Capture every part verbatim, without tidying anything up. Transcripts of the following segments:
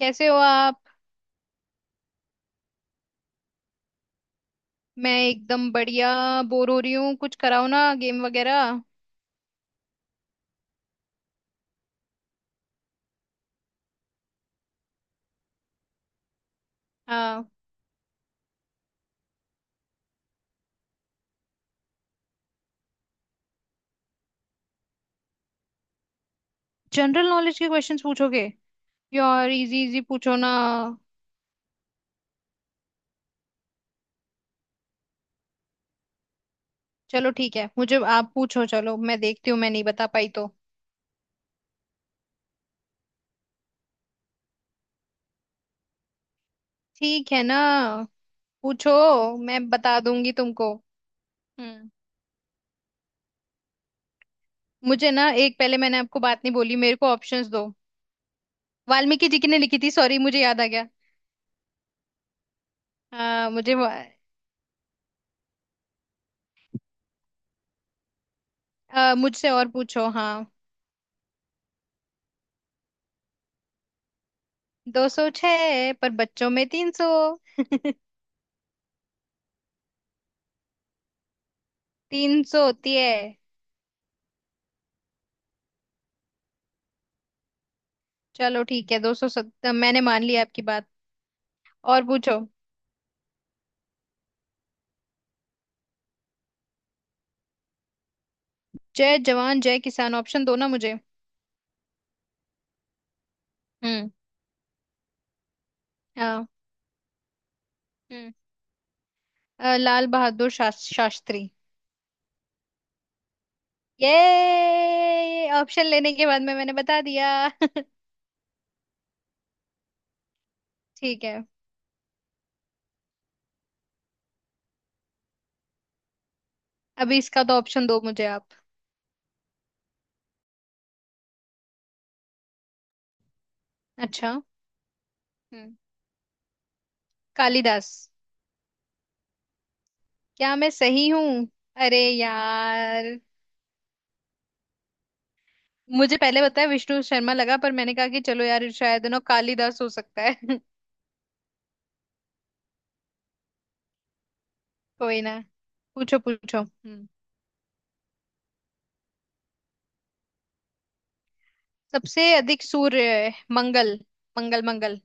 कैसे हो आप? मैं एकदम बढ़िया। बोर हो रही हूँ, कुछ कराओ ना गेम वगैरह। हाँ। जनरल नॉलेज के क्वेश्चंस पूछोगे? यार इजी इजी पूछो ना। चलो ठीक है, मुझे आप पूछो, चलो मैं देखती हूँ, मैं नहीं बता पाई तो। ठीक है ना। पूछो। मैं बता दूंगी तुमको। हम्म। मुझे ना एक पहले मैंने आपको बात नहीं बोली, मेरे को ऑप्शंस दो। वाल्मीकि जी की ने लिखी थी। सॉरी मुझे याद आ गया। हाँ, मुझे वा- अ, मुझसे और पूछो, हाँ। दो सौ छह, पर बच्चों में तीन सौ। तीन सौ होती है। चलो ठीक है, दो सौ सत्तर मैंने मान लिया आपकी बात। और पूछो। जय जवान जय किसान, ऑप्शन दो ना मुझे। हम्म। हाँ। हम्म। अ, लाल बहादुर शास- शास्त्री। ये ऑप्शन लेने के बाद में मैंने बता दिया। ठीक है। अभी इसका तो ऑप्शन दो मुझे आप। अच्छा। हम्म। कालिदास। क्या मैं सही हूँ? अरे यार। मुझे पहले बताया विष्णु शर्मा लगा, पर मैंने कहा कि चलो यार शायद ना कालिदास हो सकता है। कोई ना। पूछो पूछो। हम्म। सबसे अधिक सूर्य। मंगल। मंगल मंगल।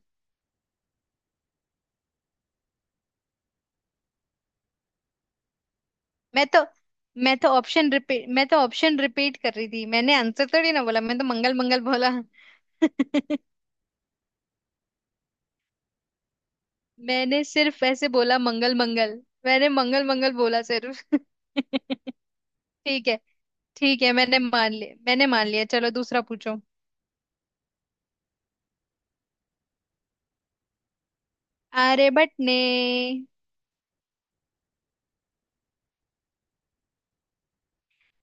मैं तो। मैं तो ऑप्शन रिपीट मैं तो ऑप्शन रिपीट कर रही थी, मैंने आंसर थोड़ी ना बोला, मैं तो मंगल मंगल बोला। मैंने सिर्फ ऐसे बोला मंगल मंगल। मैंने मंगल मंगल बोला सिर्फ। ठीक है। ठीक है, मैंने मान लिया मैंने मान लिया, चलो दूसरा पूछो। आर्यभट्ट ने।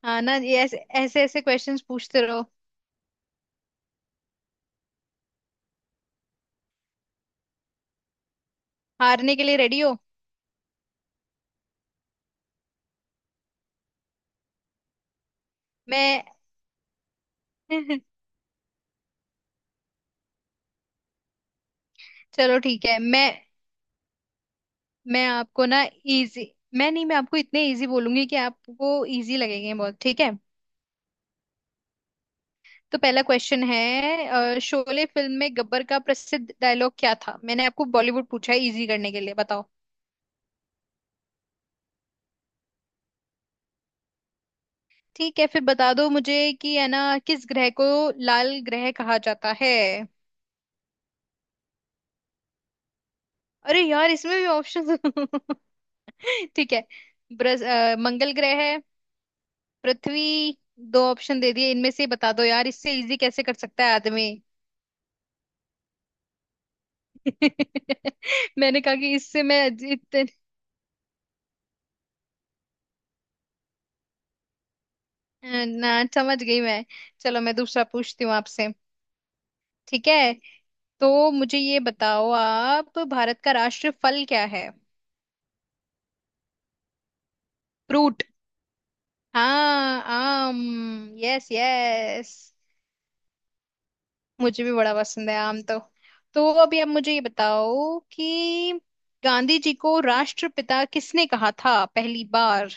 हाँ ना, ये ऐसे, ऐसे ऐसे क्वेश्चंस पूछते रहो। हारने के लिए रेडी हो? मैं। चलो ठीक है, मैं। मैं आपको ना इजी। मैं नहीं, मैं आपको इतने इजी बोलूंगी कि आपको इजी लगेंगे बहुत, ठीक है। तो पहला क्वेश्चन है, अ, शोले फिल्म में गब्बर का प्रसिद्ध डायलॉग क्या था? मैंने आपको बॉलीवुड पूछा है इजी करने के लिए, बताओ। ठीक है, फिर बता दो मुझे कि है ना, किस ग्रह को लाल ग्रह कहा जाता है? अरे यार इसमें भी ऑप्शन। ठीक है। ब्रज, अ, मंगल ग्रह है। पृथ्वी। दो ऑप्शन दे दिए, इनमें से बता दो यार, इससे इजी कैसे कर सकता है आदमी? मैंने कहा कि इससे मैं। इतने ना। समझ गई मैं। चलो मैं दूसरा पूछती हूँ आपसे। ठीक है। तो मुझे ये बताओ आप, भारत का राष्ट्र फल क्या है? फ्रूट। हाँ, आम। Yes yes. मुझे भी बड़ा पसंद है आम तो। तो अभी आप मुझे ये बताओ कि गांधी जी को राष्ट्रपिता किसने कहा था पहली बार?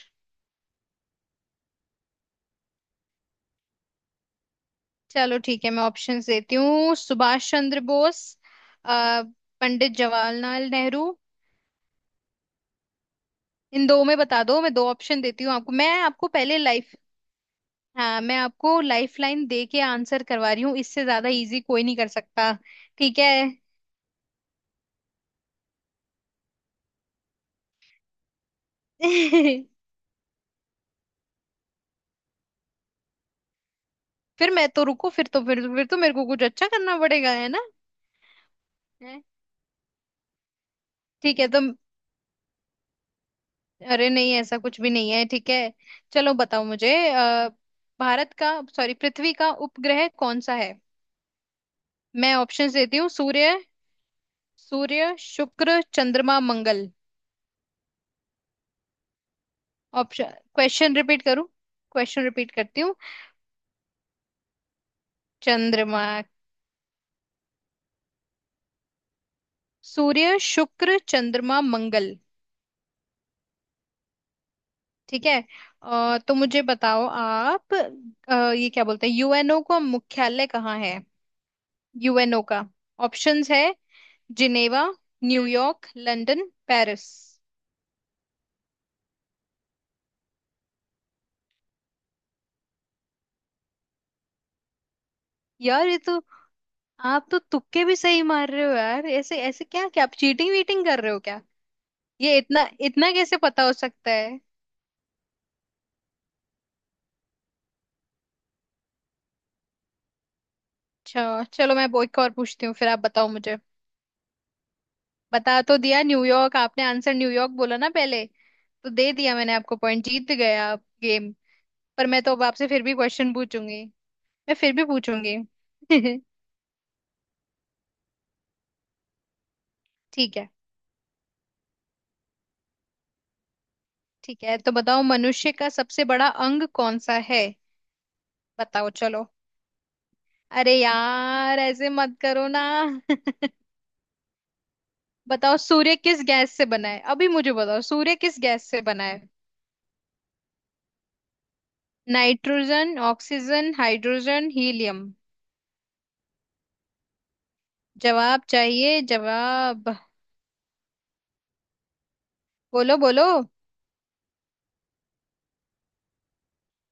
चलो ठीक है, मैं ऑप्शंस देती हूँ। सुभाष चंद्र बोस, अ, पंडित जवाहरलाल नेहरू। इन दो में बता दो, मैं दो ऑप्शन देती हूँ आपको, मैं आपको पहले लाइफ। हाँ, मैं आपको लाइफ लाइन दे के आंसर करवा रही हूँ, इससे ज्यादा इजी कोई नहीं कर सकता। ठीक है। फिर मैं तो, रुको, फिर तो फिर फिर तो मेरे को कुछ अच्छा करना पड़ेगा, है ना। हैं? ठीक है तो। अरे नहीं, ऐसा कुछ भी नहीं है, ठीक है। चलो बताओ मुझे, अ, भारत का, सॉरी पृथ्वी का उपग्रह कौन सा है? मैं ऑप्शंस देती हूँ। सूर्य, सूर्य शुक्र चंद्रमा मंगल। ऑप्शन क्वेश्चन रिपीट करूँ? क्वेश्चन रिपीट करती हूँ। चंद्रमा, सूर्य शुक्र चंद्रमा मंगल। ठीक है। अ, तो मुझे बताओ आप, अ, ये क्या बोलते हैं, यूएनओ का मुख्यालय कहाँ है? यूएनओ का। ऑप्शंस है। Geneva, New York, London, Paris. यार ये तो। आप तो तुक्के भी सही मार रहे हो यार, ऐसे ऐसे, क्या क्या आप चीटिंग वीटिंग कर रहे हो क्या? ये इतना इतना कैसे पता हो सकता है? अच्छा चलो, मैं वो एक और पूछती हूँ फिर आप बताओ मुझे। बता तो दिया न्यूयॉर्क, आपने आंसर न्यूयॉर्क बोला ना पहले, तो दे दिया मैंने आपको पॉइंट, जीत गए आप गेम। पर मैं तो अब आपसे फिर भी क्वेश्चन पूछूंगी। मैं फिर भी पूछूंगी। ठीक है। ठीक है, तो बताओ मनुष्य का सबसे बड़ा अंग कौन सा है? बताओ चलो। अरे यार ऐसे मत करो ना। बताओ सूर्य किस गैस से बना है, अभी मुझे बताओ, सूर्य किस गैस से बना है? Nitrogen, oxygen, hydrogen, helium. जवाब चाहिए जवाब। बोलो बोलो।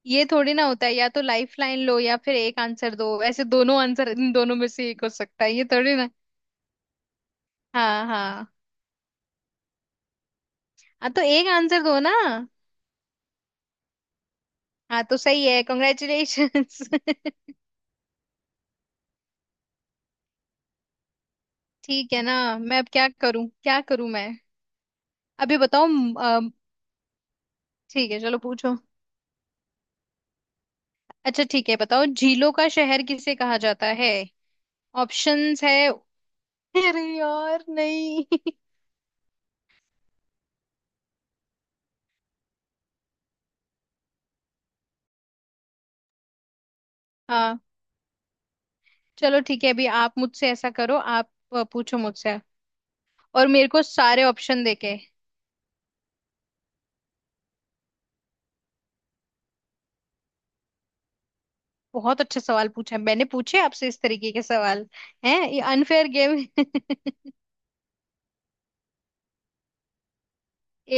ये थोड़ी ना होता है, या तो लाइफ लाइन लो या फिर एक आंसर दो, ऐसे दोनों आंसर इन दोनों में से एक हो सकता है, ये थोड़ी ना। हाँ हाँ। हाँ तो एक आंसर दो ना। हाँ तो सही है, कॉन्ग्रेचुलेशंस। ठीक है ना। मैं अब क्या करूं, क्या करूं मैं। अभी बताओ म, अम, ठीक है चलो पूछो। अच्छा ठीक है, बताओ झीलों का शहर किसे कहा जाता है? ऑप्शंस है। अरे यार नहीं। हाँ। चलो ठीक है, अभी आप मुझसे ऐसा करो आप, अ, पूछो मुझसे। और मेरे को सारे ऑप्शन देके। बहुत अच्छे सवाल पूछे हैं। मैंने पूछे आपसे इस तरीके के सवाल। हैं ये अनफेयर गेम?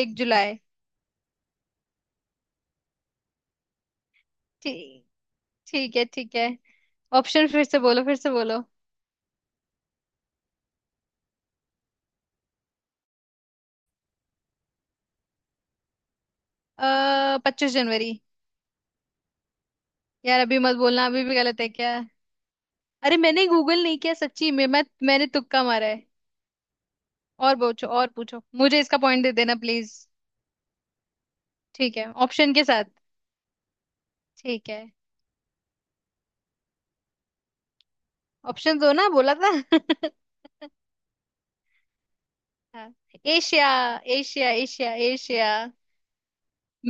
एक जुलाई। ठीक। ठीक है ठीक है। ऑप्शन फिर से बोलो, फिर से बोलो। अः, पच्चीस जनवरी। यार अभी मत बोलना, अभी भी गलत है क्या? अरे मैंने गूगल नहीं किया सच्ची में, मैं मैंने तुक्का मारा है। और पूछो और पूछो, मुझे इसका पॉइंट दे देना प्लीज। ठीक है, ऑप्शन के साथ। ठीक है। ऑप्शन दो ना बोला था। हाँ। एशिया। Asia Asia Asia.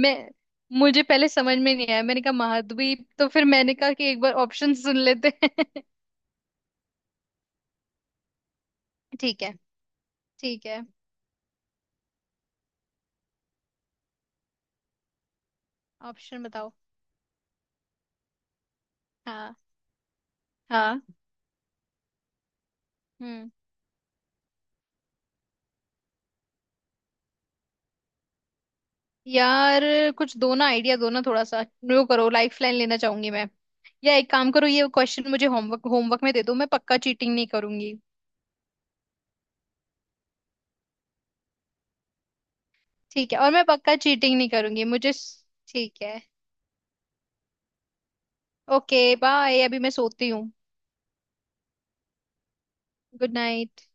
मैं। मुझे पहले समझ में नहीं आया, मैंने कहा महाद्वीप, तो फिर मैंने कहा कि एक बार ऑप्शन सुन लेते हैं। ठीक है ठीक है। ऑप्शन बताओ। हाँ। हाँ। हम्म। यार कुछ दो ना आइडिया दो ना थोड़ा सा। वो करो, लाइफ लाइन लेना चाहूंगी मैं। या एक काम करो, ये क्वेश्चन मुझे होमवर्क होमवर्क में दे दो, मैं पक्का चीटिंग नहीं करूंगी। ठीक है, और मैं पक्का चीटिंग नहीं करूंगी मुझे। ठीक है। ओके बाय, अभी मैं सोती हूँ। Good night.